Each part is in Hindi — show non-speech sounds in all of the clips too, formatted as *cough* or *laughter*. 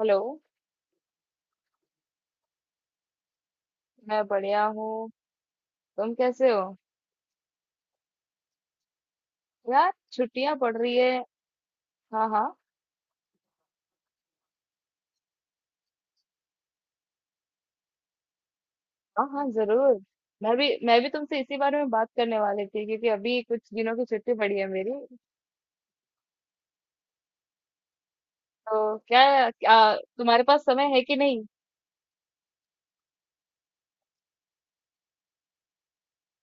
हेलो। मैं बढ़िया हूँ। तुम कैसे हो? यार छुट्टियां पड़ रही है। हाँ हाँ। हाँ हाँ जरूर। मैं भी तुमसे इसी बारे में बात करने वाली थी क्योंकि अभी कुछ दिनों की छुट्टी पड़ी है मेरी। तो क्या तुम्हारे पास समय है कि नहीं?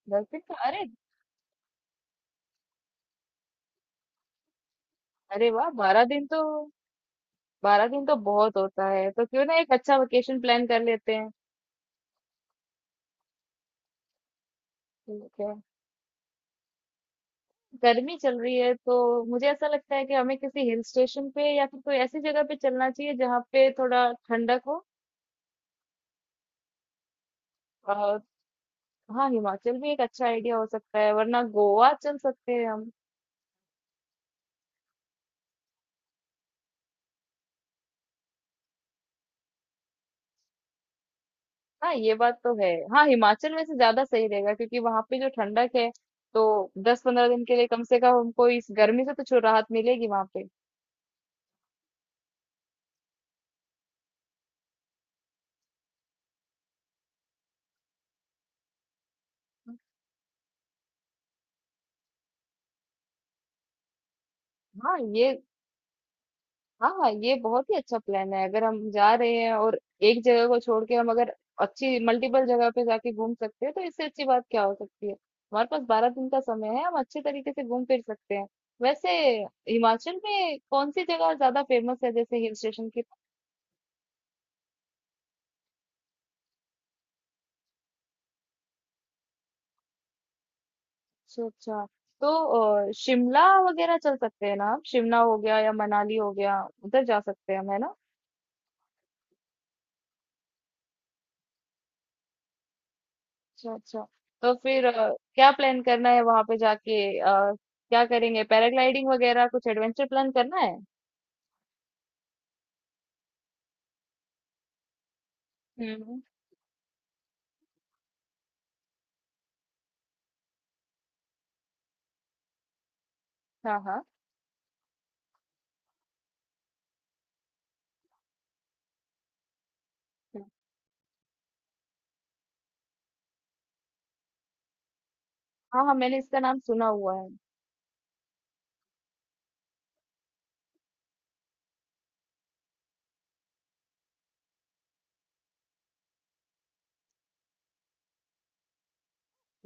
10 दिन का, अरे! अरे वाह, 12 दिन तो, 12 दिन तो बहुत होता है। तो क्यों ना एक अच्छा वेकेशन प्लान कर लेते हैं। ठीक है। गर्मी चल रही है तो मुझे ऐसा लगता है कि हमें किसी हिल स्टेशन पे या फिर कोई ऐसी जगह पे चलना चाहिए जहाँ पे थोड़ा ठंडक हो। हाँ हिमाचल भी एक अच्छा आइडिया हो सकता है, वरना गोवा चल सकते हैं हम। हाँ ये बात तो है। हाँ हिमाचल में से ज्यादा सही रहेगा क्योंकि वहां पे जो ठंडक है तो 10 15 दिन के लिए कम से कम हमको इस गर्मी से तो छुट राहत मिलेगी वहां पे। हाँ ये हाँ ये बहुत ही अच्छा प्लान है। अगर हम जा रहे हैं और एक जगह को छोड़ के हम अगर अच्छी मल्टीपल जगह पे जाके घूम सकते हैं तो इससे अच्छी बात क्या हो सकती है। हमारे पास 12 दिन का समय है, हम अच्छे तरीके से घूम फिर सकते हैं। वैसे हिमाचल में कौन सी जगह ज्यादा फेमस है जैसे हिल स्टेशन की? अच्छा अच्छा। तो शिमला वगैरह चल सकते हैं ना। हम शिमला हो गया या मनाली हो गया, उधर जा सकते हैं हम, है ना? अच्छा अच्छा। तो फिर क्या प्लान करना है वहां पे जाके? क्या करेंगे? पैराग्लाइडिंग वगैरह कुछ एडवेंचर प्लान करना है? हम्म। हाँ हाँ। हम्म। हाँ हाँ, मैंने इसका नाम सुना हुआ है।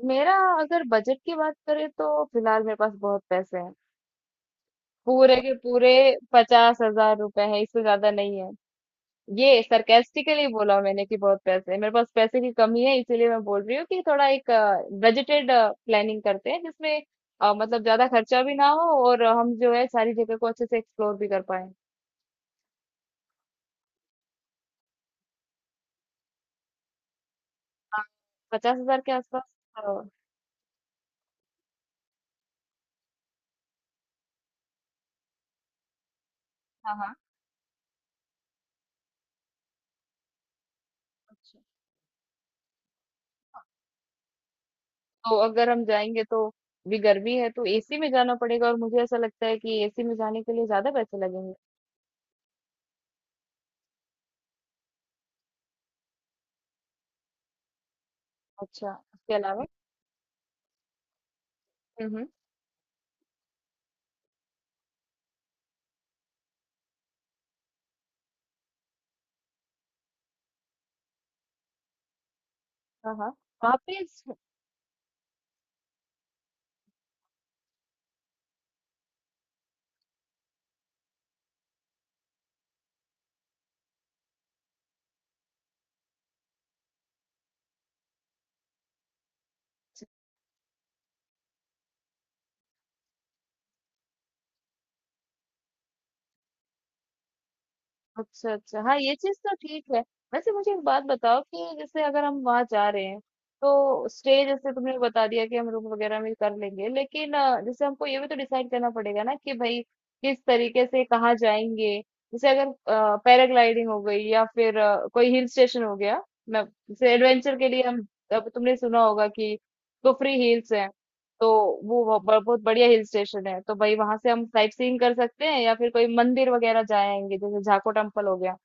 मेरा, अगर बजट की बात करें तो फिलहाल मेरे पास बहुत पैसे हैं, पूरे के पूरे 50,000 रुपए है, इससे ज्यादा नहीं है। ये सरकास्टिकली बोला मैंने कि बहुत पैसे हैं मेरे पास। पैसे की कमी है इसीलिए मैं बोल रही हूँ कि थोड़ा एक बजटेड प्लानिंग करते हैं जिसमें मतलब ज्यादा खर्चा भी ना हो और हम जो है सारी जगह को अच्छे से एक्सप्लोर भी कर पाए। पचास हजार के आसपास। अ, हाँ हाँ। अच्छा। तो अगर हम जाएंगे तो भी गर्मी है तो एसी में जाना पड़ेगा, और मुझे ऐसा लगता है कि एसी में जाने के लिए ज्यादा पैसे लगेंगे। अच्छा, उसके अलावा? हम्म हम्म। हाँ हाँ। वहाँ पे अच्छा, अच्छा। हाँ, ये चीज़ तो ठीक है। वैसे मुझे एक बात बताओ, कि जैसे अगर हम वहाँ जा रहे हैं, तो स्टे जैसे तुमने बता दिया कि हम रूम वगैरह में कर लेंगे, लेकिन जैसे हमको ये भी तो डिसाइड करना पड़ेगा ना कि भाई किस तरीके से कहाँ जाएँगे। जैसे अगर पैराग्लाइडिंग हो गई या फिर कोई हिल स्टेशन हो गया, मैं जैसे एडवेंचर के लिए हम, अब तुमने सुना होगा कि कुफरी हिल्स है तो बहुत बढ़िया हिल स्टेशन है। तो भाई वहां से हम साइट सीइंग कर सकते हैं या फिर कोई मंदिर वगैरह जाएंगे जैसे झाको टेम्पल हो गया।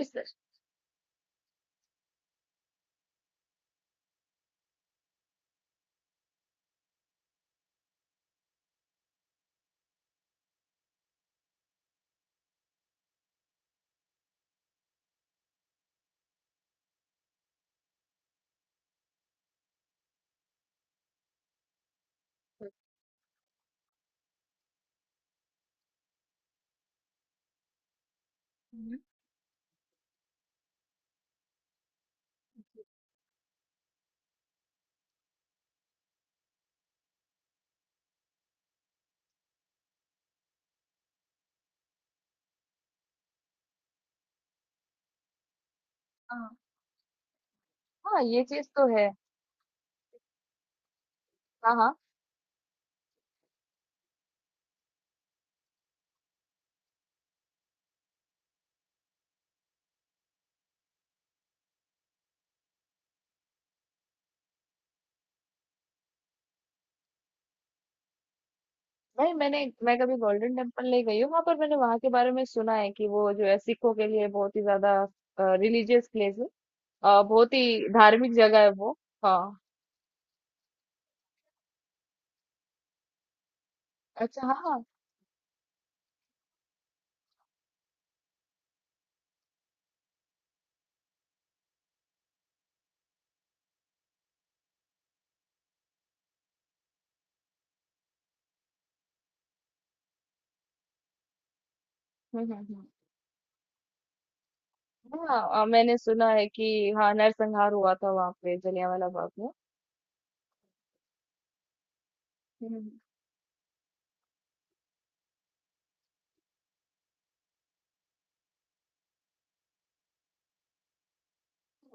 इस, हम्म, हाँ हाँ, ये चीज तो है। हाँ हाँ। भाई मैं कभी गोल्डन टेम्पल नहीं गई हूँ। वहां पर मैंने वहां के बारे में सुना है कि वो जो है सिखों के लिए बहुत ही ज्यादा रिलीजियस प्लेस है। बहुत ही धार्मिक जगह है वो। हाँ। अच्छा हाँ हाँ। हम्म। हम्म। हाँ मैंने सुना है कि हाँ नरसंहार हुआ था वहां पे जलियांवाला बाग में।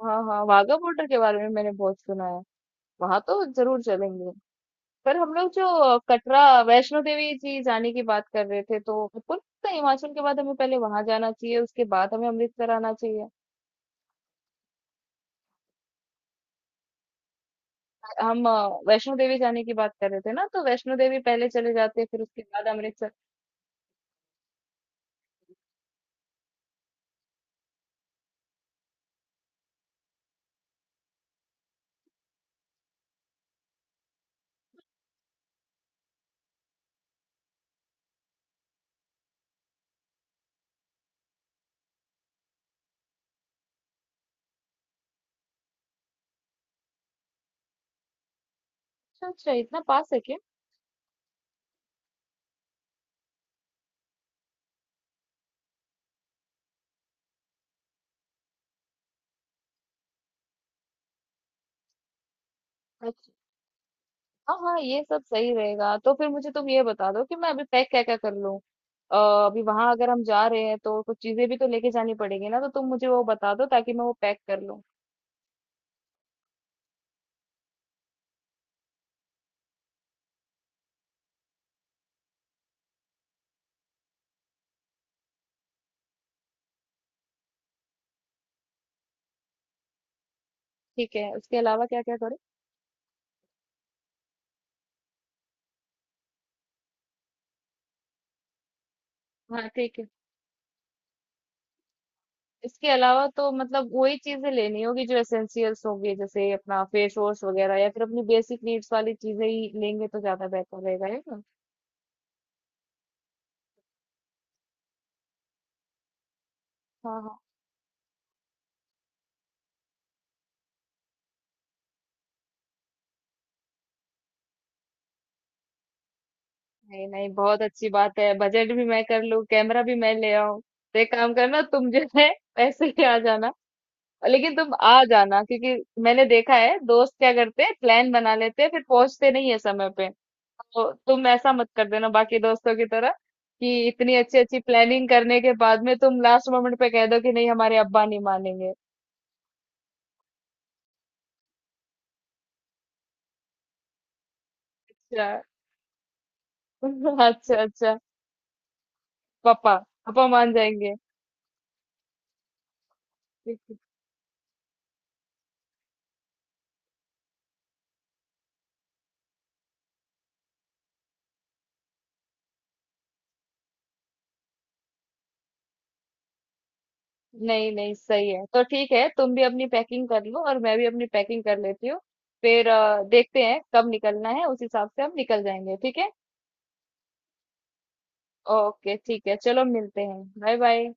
हाँ हाँ, वाघा बॉर्डर के बारे में मैंने बहुत सुना है, वहां तो जरूर चलेंगे। पर हम लोग जो कटरा वैष्णो देवी जी जाने की बात कर रहे थे तो हमको लगता है हिमाचल के बाद हमें पहले वहां जाना चाहिए, उसके बाद हमें अमृतसर आना चाहिए। हम वैष्णो देवी जाने की बात कर रहे थे ना, तो वैष्णो देवी पहले चले जाते फिर उसके बाद अमृतसर। अच्छा अच्छा, इतना पास है क्या? हाँ हाँ ये सब सही रहेगा। तो फिर मुझे तुम ये बता दो कि मैं अभी पैक क्या क्या कर लूँ। अभी वहां अगर हम जा रहे हैं तो कुछ चीजें भी तो लेके जानी पड़ेगी ना, तो तुम मुझे वो बता दो ताकि मैं वो पैक कर लूँ। ठीक है, उसके अलावा क्या क्या करूँ? हाँ ठीक है। इसके अलावा तो मतलब वही चीजें लेनी होगी जो एसेंशियल्स होंगी जैसे अपना फेस वॉश वगैरह या फिर अपनी बेसिक नीड्स वाली चीजें ही लेंगे तो ज्यादा बेहतर रहेगा, है ना? हाँ हाँ। नहीं नहीं, बहुत अच्छी बात है, बजट भी मैं कर लूँ कैमरा भी मैं ले आऊँ। तो एक काम करना, तुम जो है पैसे ले आ जाना, लेकिन तुम आ जाना, क्योंकि मैंने देखा है दोस्त क्या करते हैं प्लान बना लेते हैं फिर पहुंचते नहीं है समय पे। तो तुम ऐसा मत कर देना बाकी दोस्तों की तरह कि इतनी अच्छी अच्छी प्लानिंग करने के बाद में तुम लास्ट मोमेंट पे कह दो कि नहीं हमारे अब्बा नहीं मानेंगे। अच्छा। *laughs* अच्छा अच्छा। पापा, पापा मान जाएंगे। नहीं नहीं, सही है। तो ठीक है, तुम भी अपनी पैकिंग कर लो और मैं भी अपनी पैकिंग कर लेती हूँ। फिर देखते हैं कब निकलना है उस हिसाब से हम निकल जाएंगे। ठीक है। ओके ठीक है, चलो मिलते हैं। Bye bye.